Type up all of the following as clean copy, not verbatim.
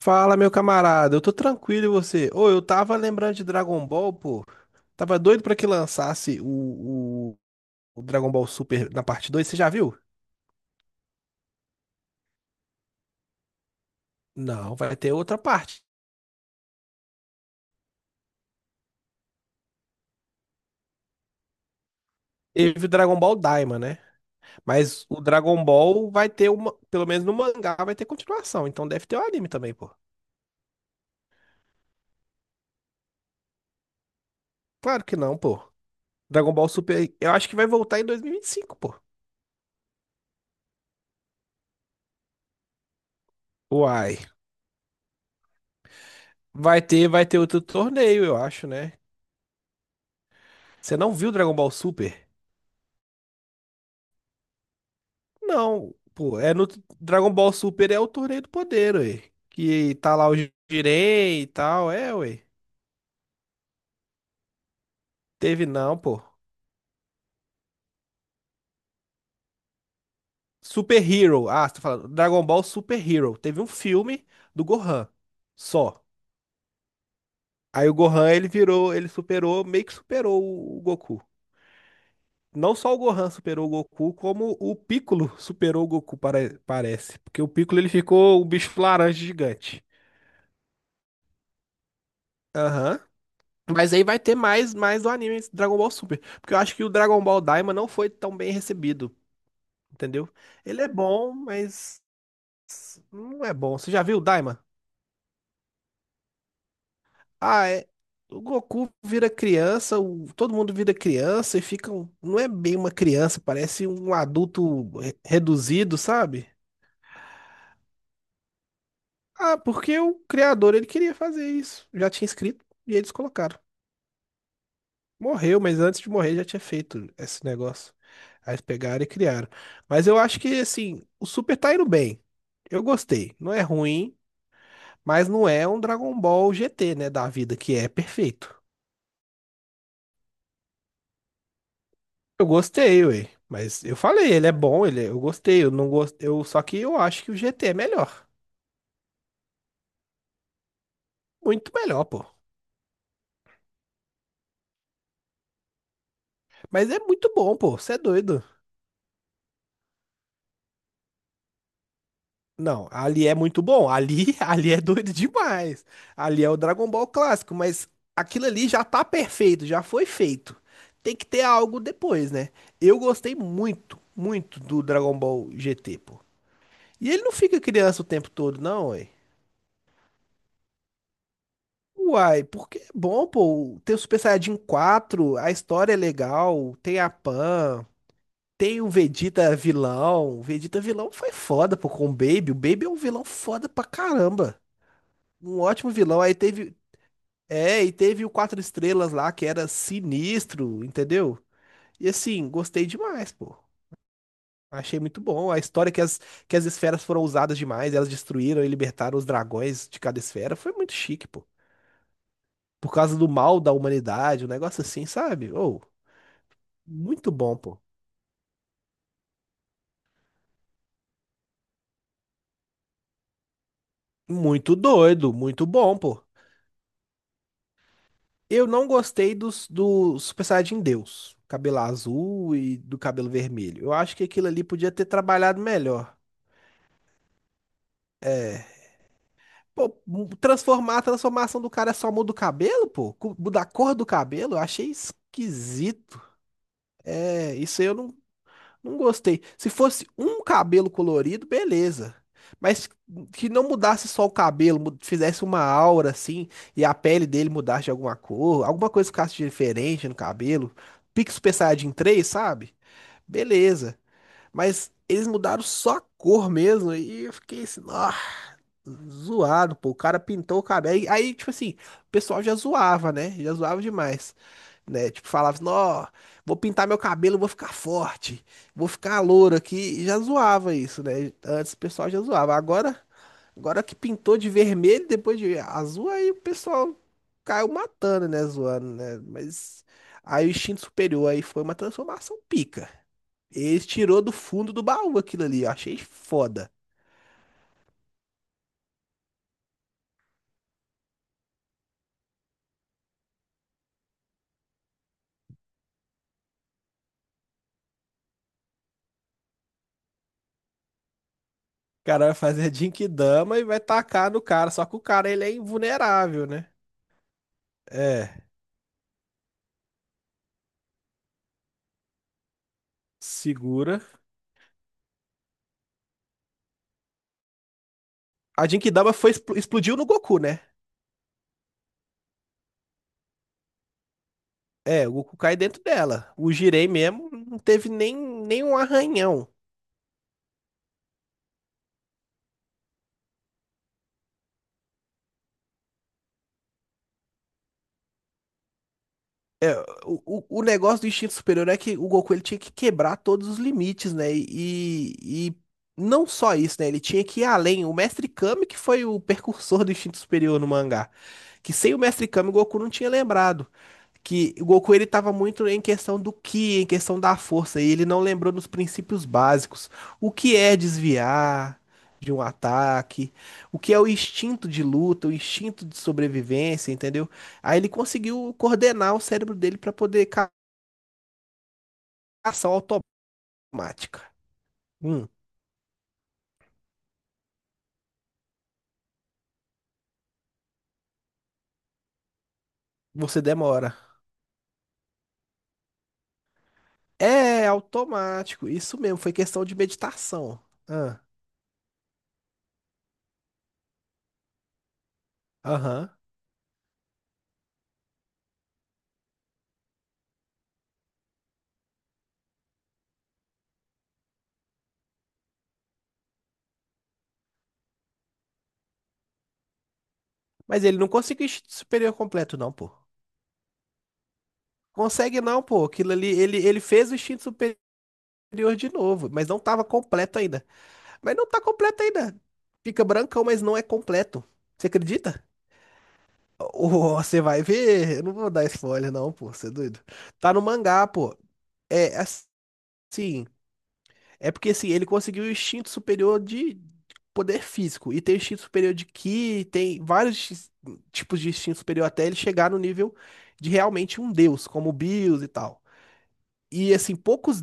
Fala, meu camarada, eu tô tranquilo e você? Ô, eu tava lembrando de Dragon Ball, pô. Tava doido pra que lançasse o Dragon Ball Super na parte 2. Você já viu? Não, vai ter outra parte. Teve o Dragon Ball Daima, né? Mas o Dragon Ball vai ter uma, pelo menos no mangá vai ter continuação, então deve ter o anime também, pô. Claro que não, pô. Dragon Ball Super, eu acho que vai voltar em 2025, pô. Uai, vai ter outro torneio, eu acho, né? Você não viu Dragon Ball Super? Não, pô, é no Dragon Ball Super é o Torneio do Poder, ué. Que tá lá o Jirei e tal, é, ué. Teve não, pô. Super Hero, ah, você tá falando, Dragon Ball Super Hero. Teve um filme do Gohan, só. Aí o Gohan, ele superou, meio que superou o Goku. Não só o Gohan superou o Goku, como o Piccolo superou o Goku, parece. Porque o Piccolo, ele ficou o bicho laranja gigante. Aham. Mas aí vai ter mais do anime Dragon Ball Super. Porque eu acho que o Dragon Ball Daima não foi tão bem recebido, entendeu? Ele é bom, mas não é bom. Você já viu o Daima? Ah, é. O Goku vira criança, todo mundo vira criança e fica. Não é bem uma criança, parece um adulto reduzido, sabe? Ah, porque o criador ele queria fazer isso. Já tinha escrito e eles colocaram. Morreu, mas antes de morrer já tinha feito esse negócio. Aí eles pegaram e criaram. Mas eu acho que, assim, o Super tá indo bem. Eu gostei. Não é ruim, mas não é um Dragon Ball GT, né, da vida, que é perfeito. Eu gostei, ué. Mas eu falei, ele é bom, eu gostei. Eu não gost... eu... Só que eu acho que o GT é melhor. Muito melhor, pô. Mas é muito bom, pô. Você é doido. Não, ali é muito bom. Ali, ali é doido demais. Ali é o Dragon Ball clássico, mas aquilo ali já tá perfeito, já foi feito. Tem que ter algo depois, né? Eu gostei muito, muito do Dragon Ball GT, pô. E ele não fica criança o tempo todo, não, ué. Uai, porque é bom, pô. Tem o Super Saiyajin 4, a história é legal, tem a Pan, tem o Vegeta vilão. O Vegeta vilão foi foda, pô, com o Baby. O Baby é um vilão foda pra caramba. Um ótimo vilão. Aí teve. É, e teve o Quatro Estrelas lá, que era sinistro, entendeu? E assim, gostei demais, pô. Achei muito bom. A história que as esferas foram usadas demais, elas destruíram e libertaram os dragões de cada esfera. Foi muito chique, pô. Por causa do mal da humanidade, um negócio assim, sabe? Ou, muito bom, pô. Muito doido, muito bom, pô. Eu não gostei do Super Saiyajin Deus. Cabelo azul e do cabelo vermelho. Eu acho que aquilo ali podia ter trabalhado melhor. Pô, a transformação do cara é só muda o cabelo, pô? Muda a cor do cabelo? Eu achei esquisito. É, isso aí eu não gostei. Se fosse um cabelo colorido, beleza. Mas que não mudasse só o cabelo, fizesse uma aura assim, e a pele dele mudasse de alguma cor, alguma coisa ficasse diferente no cabelo. Pique Super Saiyajin 3, sabe? Beleza. Mas eles mudaram só a cor mesmo, e eu fiquei assim, ó. Zoado, pô. O cara pintou o cabelo. Aí, tipo assim, o pessoal já zoava, né? Já zoava demais, né? Tipo, falava assim, ó, vou pintar meu cabelo, vou ficar forte, vou ficar louro aqui. E já zoava isso, né? Antes o pessoal já zoava. Agora que pintou de vermelho, depois de azul, aí o pessoal caiu matando, né? Zoando, né? Mas aí o instinto superior aí foi uma transformação pica. Ele tirou do fundo do baú aquilo ali. Eu achei foda. Cara vai fazer Jinkidama e vai tacar no cara. Só que o cara, ele é invulnerável, né? É, segura. A Jinkidama foi, explodiu no Goku, né? É, o Goku cai dentro dela. O Jirei mesmo não teve nem um arranhão. O negócio do instinto superior é que o Goku ele tinha que quebrar todos os limites, né? E não só isso, né? Ele tinha que ir além. O Mestre Kami que foi o precursor do instinto superior no mangá. Que sem o Mestre Kami o Goku não tinha lembrado. Que o Goku ele estava muito em questão do ki, em questão da força, e ele não lembrou dos princípios básicos. O que é desviar de um ataque, o que é o instinto de luta, o instinto de sobrevivência, entendeu? Aí ele conseguiu coordenar o cérebro dele para poder ação automática. Hum, você demora. É automático, isso mesmo, foi questão de meditação. Ah, aham. Mas ele não conseguiu o instinto superior completo, não, pô. Consegue não, pô. Aquilo ali, ele fez o instinto superior de novo, mas não tava completo ainda. Mas não tá completo ainda. Fica brancão, mas não é completo. Você acredita? Ô, você vai ver. Eu não vou dar spoiler, não, pô. Você é doido. Tá no mangá, pô. É assim. É porque assim, ele conseguiu o instinto superior de poder físico. E tem instinto superior de ki, tem vários tipos de instinto superior até ele chegar no nível de realmente um deus, como o Bills e tal. E assim, poucos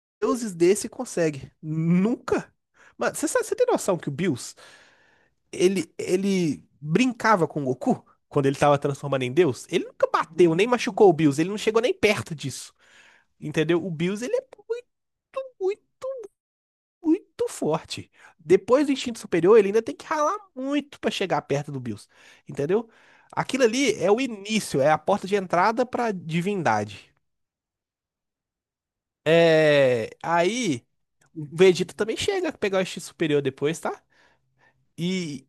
deuses desse consegue. Nunca. Mano, você tem noção que o Bills, ele brincava com o Goku quando ele tava transformando em Deus? Ele nunca bateu, nem machucou o Bills, ele não chegou nem perto disso. Entendeu? O Bills, ele é muito, muito, muito forte. Depois do instinto superior, ele ainda tem que ralar muito pra chegar perto do Bills. Entendeu? Aquilo ali é o início, é a porta de entrada pra divindade. É, aí o Vegeta também chega a pegar o instinto superior depois, tá? E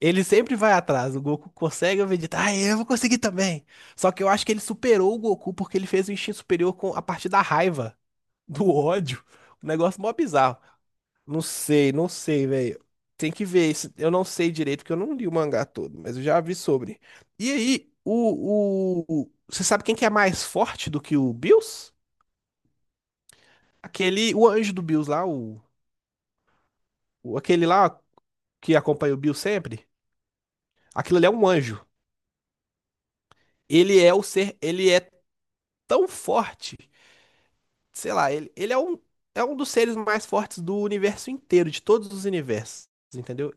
ele sempre vai atrás. O Goku consegue, o Vegeta, ah, eu vou conseguir também. Só que eu acho que ele superou o Goku porque ele fez o instinto superior com a partir da raiva, do ódio. Um negócio mó bizarro. Não sei, não sei, velho. Tem que ver isso. Eu não sei direito, porque eu não li o mangá todo, mas eu já vi sobre. E aí, você sabe quem que é mais forte do que o Bills? Aquele, o anjo do Bills lá, aquele lá que acompanha o Bills sempre. Aquilo ali é um anjo. Ele é o ser, ele é tão forte. Sei lá, ele é um dos seres mais fortes do universo inteiro, de todos os universos, entendeu?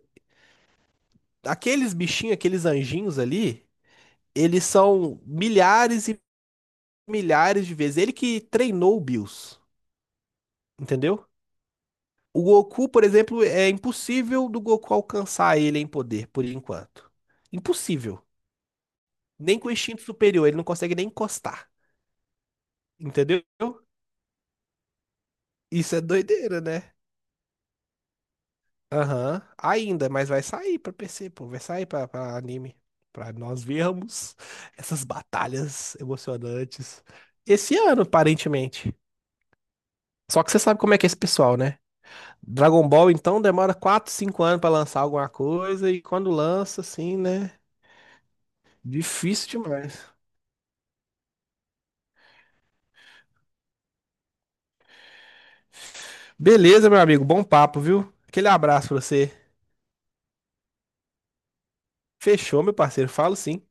Aqueles bichinhos, aqueles anjinhos ali, eles são milhares e milhares de vezes. Ele que treinou o Bills, entendeu? O Goku, por exemplo, é impossível do Goku alcançar ele em poder, por enquanto. Impossível. Nem com o instinto superior, ele não consegue nem encostar. Entendeu? Isso é doideira, né? Aham, ainda, mas vai sair pra PC, pô, vai sair pra, anime, pra nós vermos essas batalhas emocionantes esse ano, aparentemente. Só que você sabe como é que é esse pessoal, né? Dragon Ball, então, demora 4, 5 anos pra lançar alguma coisa, e quando lança, assim, né? Difícil demais. Beleza, meu amigo, bom papo, viu? Aquele abraço pra você. Fechou, meu parceiro, falo sim.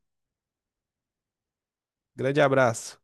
Grande abraço.